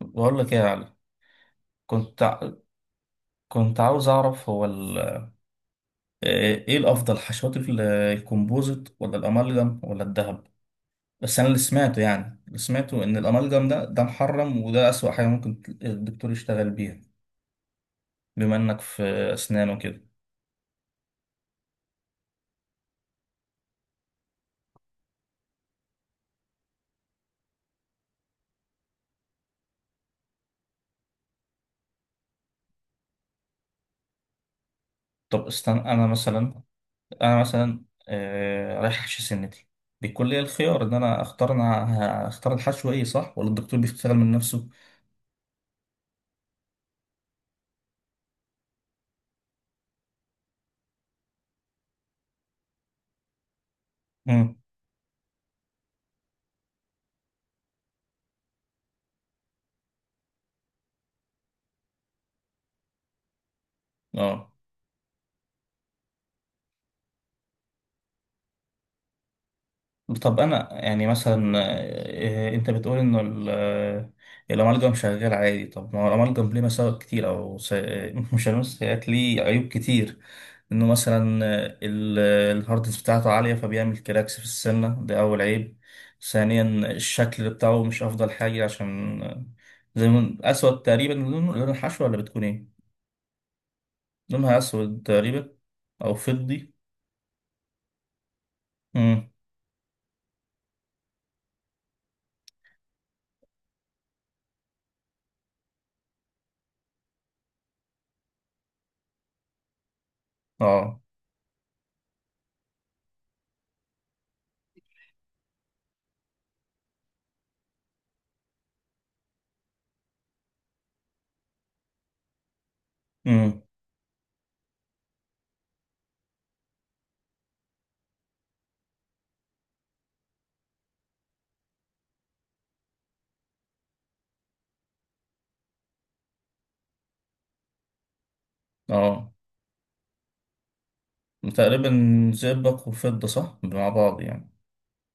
بقول لك ايه يا علي. كنت ع- كنت عاوز اعرف هو ايه الافضل حشوات الكومبوزيت ولا الامالجم ولا الذهب؟ بس انا اللي سمعته، يعني اللي سمعته ان الامالجم ده محرم وده اسوأ حاجه ممكن الدكتور يشتغل بيها، بما انك في اسنان وكده. طب استنى، انا مثلا رايح احشي سنتي، بيكون لي الخيار ان انا اختار، انا هختار الحشو ايه، صح، ولا الدكتور بيشتغل من نفسه؟ امم. اه. طب انا يعني مثلا، انت بتقول انه الامالجم شغال عادي، طب ما هو الامالجم ليه مساوئ كتير، او مش هنقول سيئات، ليه عيوب كتير، انه مثلا الهاردنس بتاعته عاليه فبيعمل كراكس في السنه، ده اول عيب. ثانيا الشكل بتاعه مش افضل حاجه، عشان زي ما اسود تقريبا، لون الحشوه، ولا بتكون ايه، لونها اسود تقريبا او فضي. امم. اه. امم. اه. تقريبا زئبق وفضة، صح، مع بعض يعني؟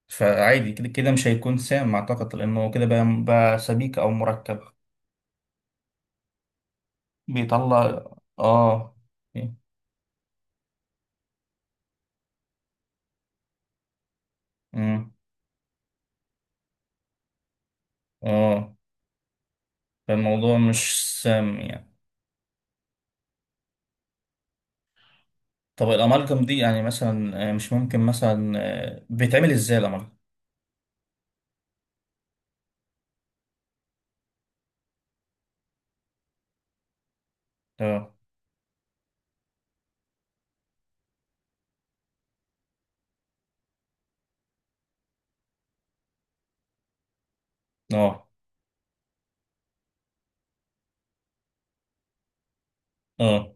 فعادي كده، كده مش هيكون سام أعتقد، لأنه هو كده بقى سبيك أو مركب. بيطلع. آه. أمم. آه. فالموضوع مش سام يعني. طب الأمالجم دي يعني مثلا مش ممكن مثلا، بيتعمل إزاي الأمالجم؟ آه. آه. آه.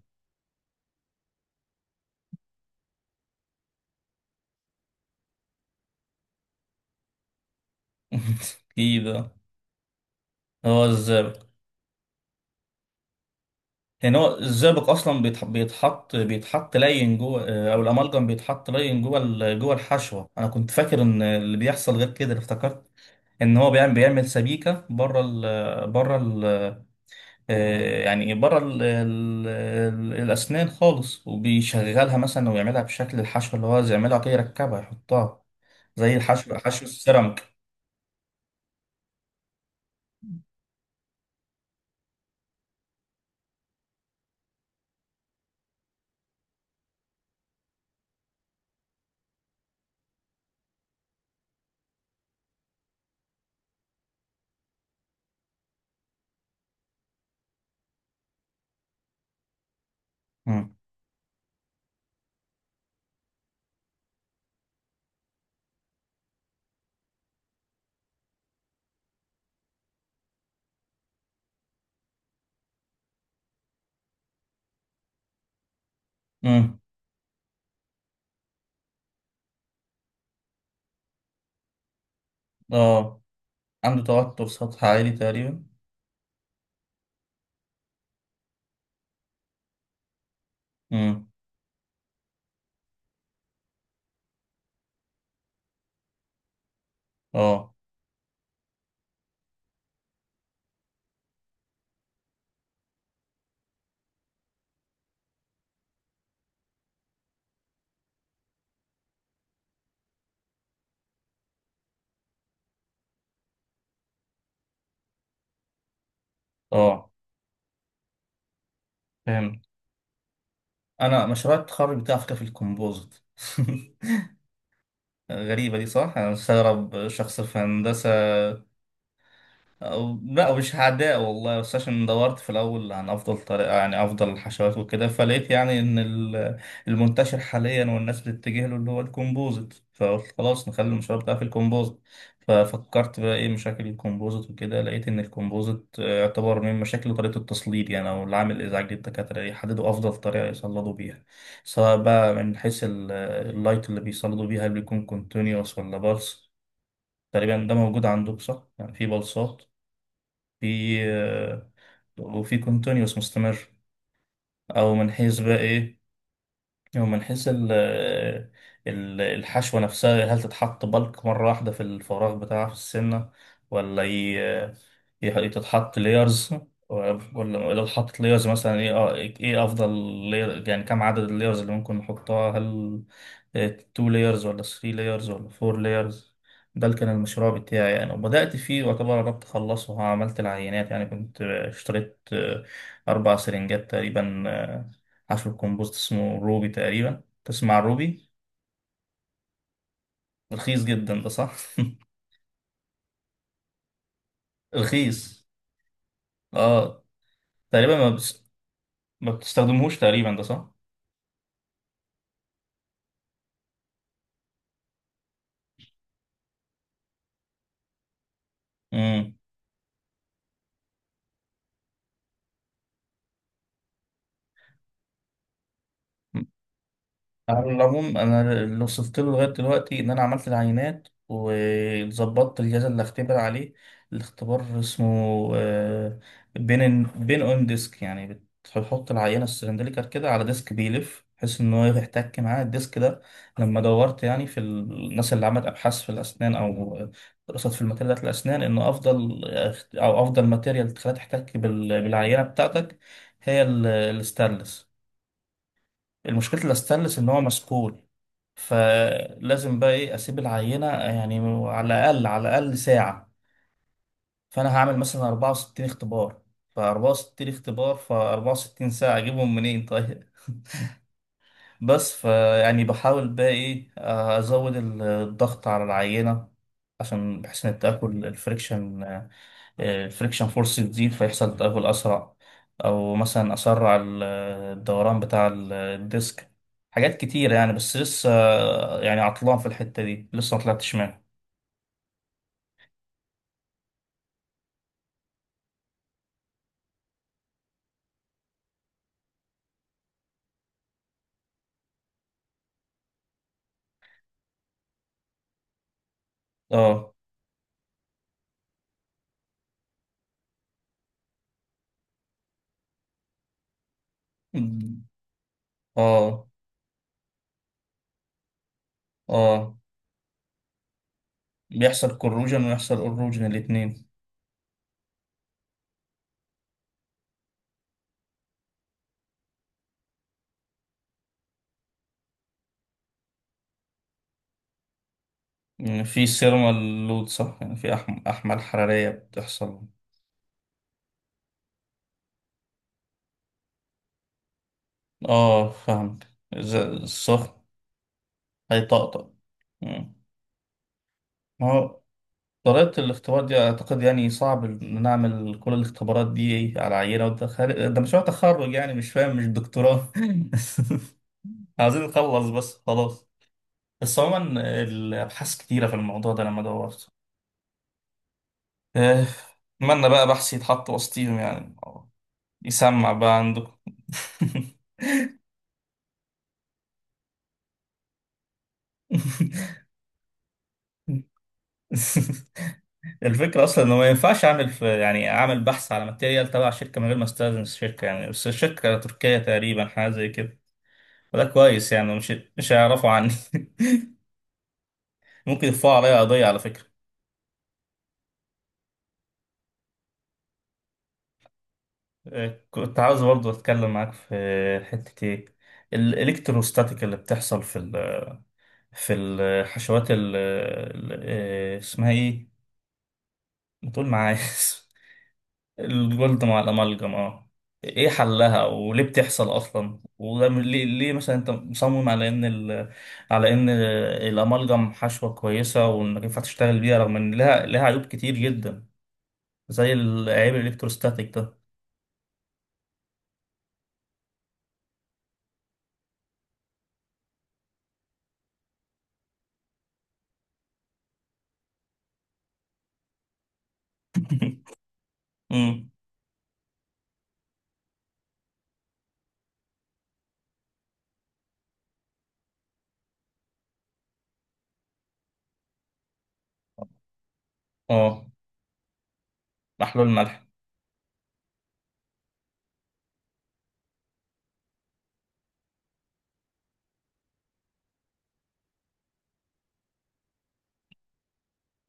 كده. هو الزئبق. يعني هو الزئبق اصلا بيتحط لين جوه، او الامالجم بيتحط لين جوه جوه الحشوه؟ انا كنت فاكر ان اللي بيحصل غير كده، اللي افتكرت ان هو بيعمل سبيكه بره ال بره ال آه، يعني بره ال ال الاسنان خالص، وبيشغلها مثلا ويعملها بشكل الحشوه اللي هو عايز يعملها كده، يركبها يحطها، زي الحشو، حشو السيراميك. مم. مم. اه. عنده توتر سطح عالي تقريبا. مم. اه. اه. فهمت. انا مشروع التخرج بتاعي على فكره في الكومبوزيت. غريبه دي، صح، انا مستغرب شخص في هندسه. لا مش عداء والله، بس عشان دورت في الأول عن أفضل طريقة، يعني أفضل الحشوات وكده، فلقيت يعني إن المنتشر حاليا والناس بتتجه له اللي هو الكومبوزيت، فقلت خلاص نخلي المشروع بتاعي في الكومبوزيت. ففكرت بقى إيه مشاكل الكومبوزيت وكده، لقيت إن الكومبوزيت يعتبر من مشاكل طريقة التصليد، يعني أو العامل الإزعاجي للدكاترة يحددوا أفضل طريقة يصلدوا بيها، سواء بقى من حيث اللايت اللي بيصلدوا بيها، هل بيكون كونتينيوس ولا بالس. تقريبا ده موجود عندك، صح؟ يعني في بلصات في، وفي كونتينيوس مستمر. او من حيث بقى ايه، هو من حيث الحشوة نفسها، هل تتحط بلك مرة واحدة في الفراغ بتاعها في السنة، ولا تتحط ليرز، ولا لو اتحطت ليرز مثلا ايه، اه، ايه افضل يعني كم عدد الليرز اللي ممكن نحطها، هل 2 layers ولا 3 layers ولا 4 layers. ده اللي كان المشروع بتاعي يعني، وبدأت فيه واعتبر قربت أخلصه، عملت العينات يعني، كنت اشتريت أربع سرنجات تقريبا. حشو الكمبوست اسمه روبي تقريبا، تسمع روبي؟ رخيص جدا ده، صح؟ رخيص. اه. تقريبا ما بتستخدمهوش تقريبا ده، صح؟ امم. على العموم انا اللي وصلت له لغايه دلوقتي ان انا عملت العينات وظبطت الجهاز اللي هختبر عليه. الاختبار اسمه آه، بين بين اون ديسك، يعني بتحط العينه السلندريكال كده على ديسك بيلف، بحيث ان هو يحتك معاه الديسك ده. لما دورت يعني في الناس اللي عملت ابحاث في الاسنان، او دراسات في الماتيريالات الاسنان، ان افضل او افضل ماتيريال تخليها تحتك بالعينه بتاعتك، هي الستانلس. المشكله الستانلس ان هو مسكون، فلازم بقى ايه اسيب العينه يعني على الاقل، على الاقل ساعه. فانا هعمل مثلا 64 اختبار، ف 64 اختبار ف 64 ساعه، اجيبهم منين طيب؟ بس فيعني بحاول بقى ايه، ازود الضغط على العينه، عشان بحيث ان تاكل الفريكشن، الفريكشن فورس يزيد فيحصل تدهور أسرع، أو مثلا أسرع الدوران بتاع الديسك. حاجات كتيرة يعني، بس لسه يعني عطلان في الحتة دي، لسه ما طلعتش منها. اه. اه. اه. بيحصل كروجن ويحصل اروجن الاتنين. يعني في سيرمال لود، صح، يعني في أحمال حرارية بتحصل. اه. فهمت. إذا الصخر هيطقطق. مم. ما هو طريقة الاختبار دي أعتقد يعني صعب إن نعمل كل الاختبارات دي على عينة، وده ده مشروع تخرج يعني، مش فاهم، مش دكتوراه. عايزين نخلص بس خلاص. بس عموما الأبحاث كتيرة في الموضوع ده لما دورت. آه، أتمنى بقى بحثي يتحط وسطيهم يعني، يسمع بقى عندكم. الفكرة أصلا إنه ما ينفعش أعمل في، يعني أعمل بحث على ماتيريال تبع شركة من غير ما أستأذن الشركة يعني، بس الشركة تركية تقريبا حاجة زي كده، فده كويس يعني، مش هيعرفوا عني. ممكن يرفعوا عليا قضية على فكرة. كنت عاوز برضه أتكلم معاك في حتة إيه، الإلكتروستاتيك اللي بتحصل في ال، في الحشوات اسمها إيه؟ ما تقول معايا. الجولد مع الأمالجم، أه. إيه حلها وليه بتحصل أصلا؟ وده ليه، ليه مثلا أنت مصمم على إن ال، على إن الأمالجم حشوة كويسة، وإنك ينفع تشتغل بيها، رغم إن لها عيوب كتير جدا، زي العيب الالكتروستاتيك ده؟ امم. اه. محلول ملح.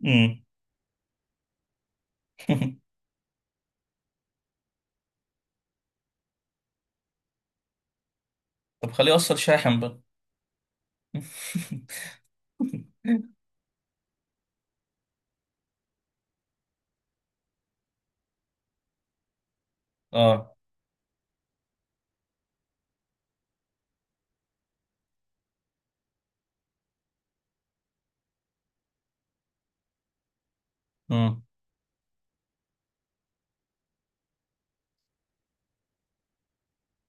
امم. طب خليه يوصل شاحن بقى. اه. امم.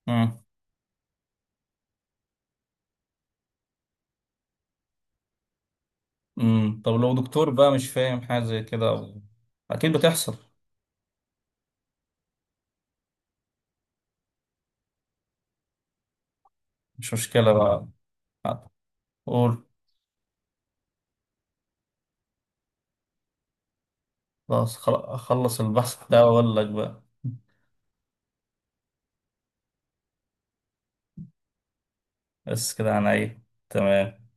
امم. امم. طب لو دكتور بقى مش فاهم حاجة زي كده أو... أكيد بتحصل. مش مشكلة بقى. قول. خلاص، أخلص البحث ده وأقول لك بقى. بس كده عن إيه؟ تمام.